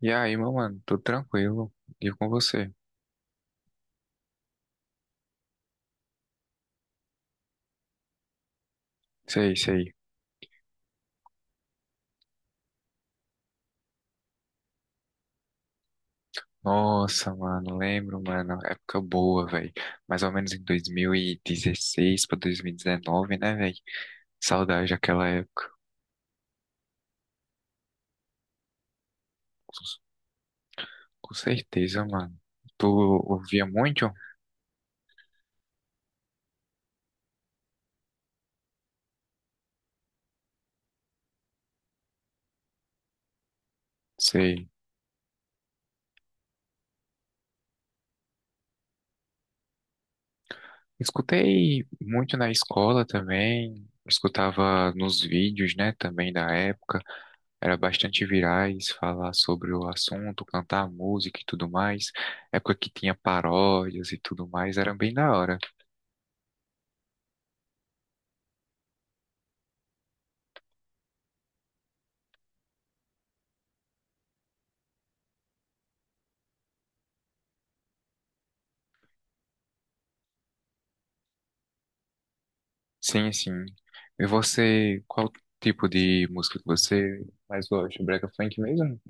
E aí, meu mano, tudo tranquilo? E com você? Sei, sei. Nossa, mano, lembro, mano, época boa, velho. Mais ou menos em 2016 pra 2019, né, velho? Saudade daquela época. Com, com certeza, mano. Tu ouvia muito? Sei. Escutei muito na escola também. Escutava nos vídeos, né, também da época. Era bastante virais, falar sobre o assunto, cantar música e tudo mais. Época que tinha paródias e tudo mais, era bem da hora. Sim, sim. E você, qual tipo de música que você mais gosta? Brega funk mesmo?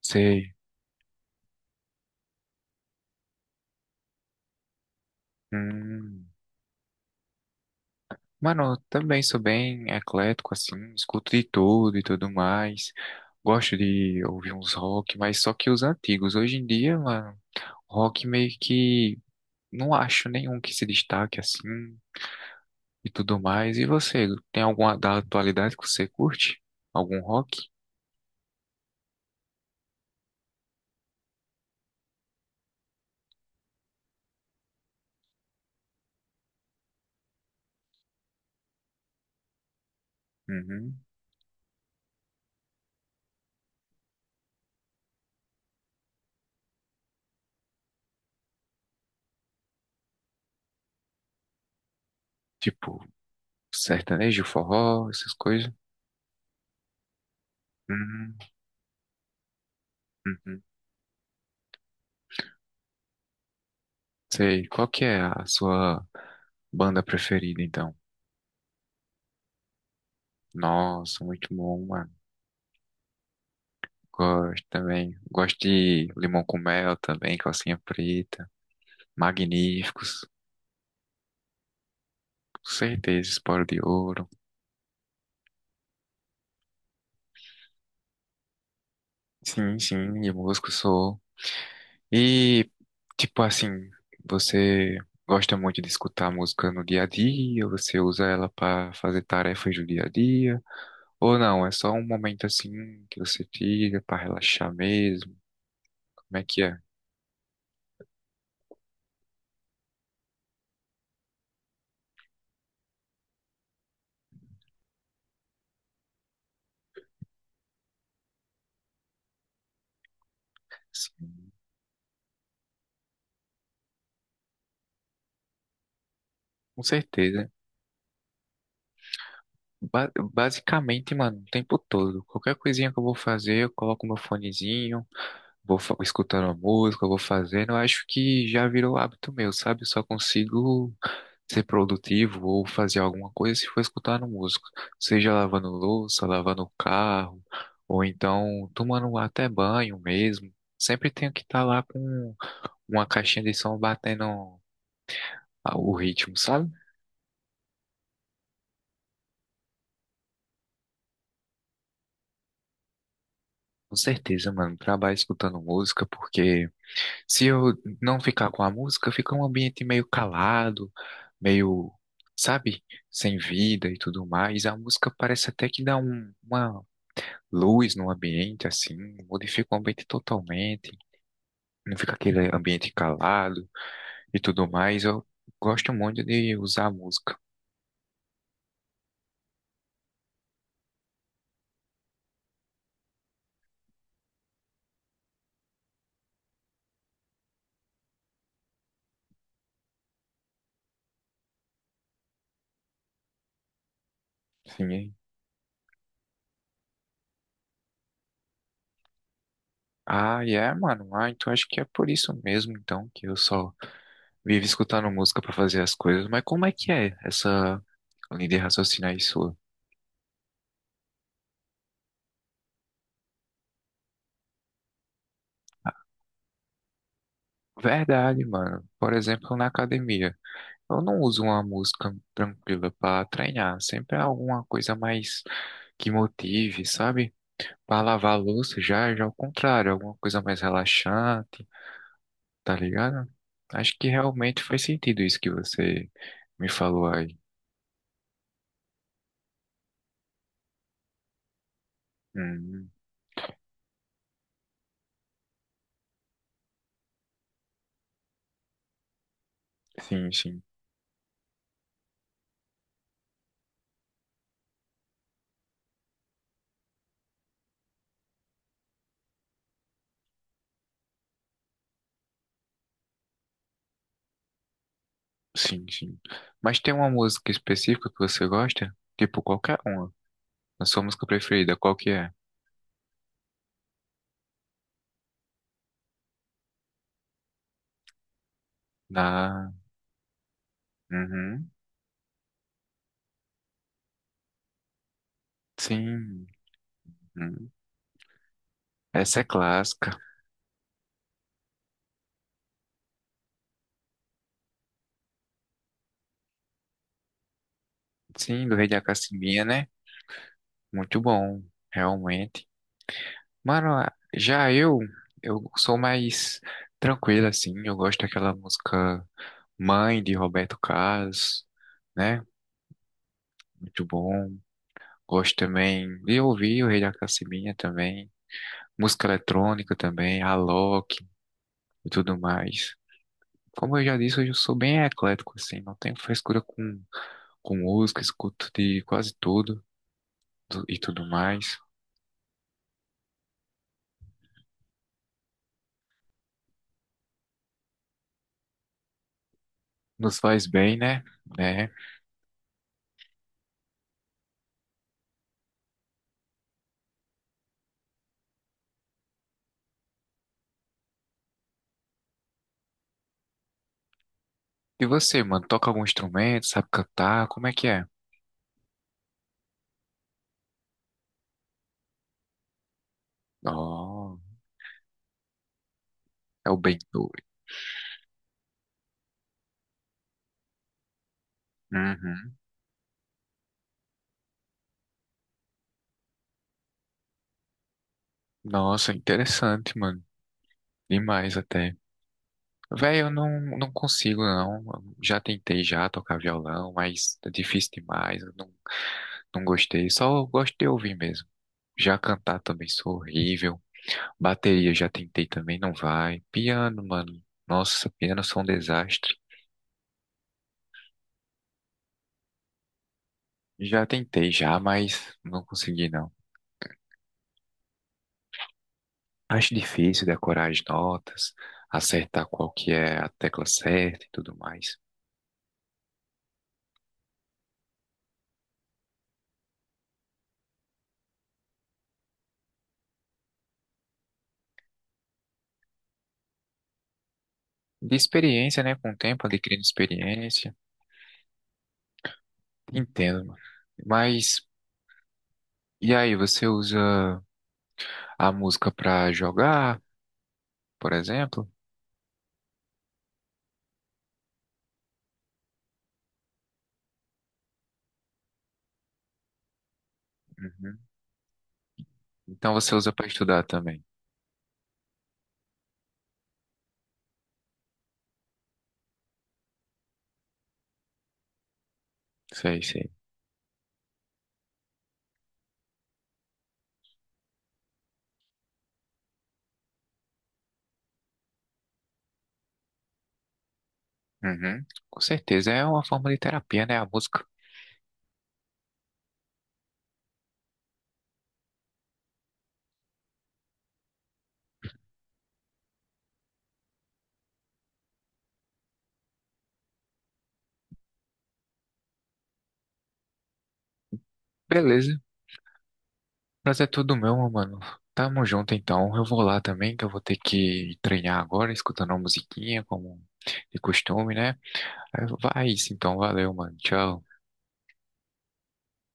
Sei. Hum. Mano, eu também sou bem eclético, assim, escuto de tudo e tudo mais. Gosto de ouvir uns rock, mas só que os antigos. Hoje em dia, mano, rock meio que não acho nenhum que se destaque assim. E tudo mais. E você, tem alguma da atualidade que você curte? Algum rock? Uhum. Tipo, sertanejo, forró, essas coisas? Uhum. Uhum. Sei, qual que é a sua banda preferida, então? Nossa, muito bom, mano. Gosto também. Gosto de Limão com Mel também, Calcinha Preta. Magníficos. Com certeza, Esporo de Ouro. Sim, sim, e músico sou. E, tipo assim, você gosta muito de escutar música no dia a dia? Você usa ela para fazer tarefas do dia a dia? Ou não, é só um momento assim que você tira para relaxar mesmo? Como é que é? Assim, com certeza. Basicamente, mano, o tempo todo. Qualquer coisinha que eu vou fazer, eu coloco meu fonezinho. Vou escutando a música, vou fazendo. Eu acho que já virou hábito meu, sabe? Eu só consigo ser produtivo ou fazer alguma coisa se for escutando música. Seja lavando louça, lavando o carro, ou então tomando até banho mesmo. Sempre tenho que estar lá com uma caixinha de som batendo o ritmo, sabe? Com certeza, mano. Trabalho escutando música porque. Se eu não ficar com a música, fica um ambiente meio calado, meio, sabe, sem vida e tudo mais. A música parece até que dá uma luz no ambiente, assim, modifica o ambiente totalmente. Não fica aquele ambiente calado e tudo mais. Eu gosto muito de usar a música. Sim. Ah, e é, mano. Ah, então acho que é por isso mesmo, então, que eu só vivo escutando música pra fazer as coisas. Mas como é que é essa linha de raciocínio aí sua? Verdade, mano. Por exemplo, na academia, eu não uso uma música tranquila pra treinar. Sempre é alguma coisa mais que motive, sabe? Pra lavar a louça já, já ao contrário, alguma coisa mais relaxante, tá ligado? Acho que realmente faz sentido isso que você me falou aí. Hum, sim, sim, sim, sim. Mas tem uma música específica que você gosta? Tipo, qualquer uma. A sua música preferida, qual que é? Na. Uhum. Sim. Hum. Essa é clássica. Sim, do Rei da Cassimbinha, né? Muito bom, realmente. Mano, já eu sou mais tranquilo, assim. Eu gosto daquela música Mãe, de Roberto Carlos, né? Muito bom. Gosto também de ouvir o Rei da Cassimbinha também. Música eletrônica também, Alok e tudo mais. Como eu já disse, hoje eu sou bem eclético, assim. Não tenho frescura com música, escuto de quase tudo e tudo mais. Nos faz bem, né? É. E você, mano, toca algum instrumento, sabe cantar? Como é que é? Oh, é o bem doido. Uhum. Nossa, interessante, mano. Demais até. Velho, eu não consigo, não. Já tentei já tocar violão, mas é difícil demais. Eu não gostei. Só eu gosto de ouvir mesmo. Já cantar também sou horrível. Bateria já tentei também, não vai. Piano, mano. Nossa, piano sou um desastre. Já tentei já, mas não consegui não. Acho difícil decorar as notas, acertar qual que é a tecla certa e tudo mais. De experiência, né? Com o tempo, adquirindo experiência. Entendo, mano. Mas, e aí, você usa a música pra jogar, por exemplo? Uhum. Então você usa pra estudar também. Sei, sei. Uhum. Com certeza, é uma forma de terapia, né? A música. Beleza. Prazer é todo meu, meu mano. Tamo junto então. Eu vou lá também, que eu vou ter que treinar agora, escutando uma musiquinha, como de costume, né? Vai isso então, valeu, mano. Tchau.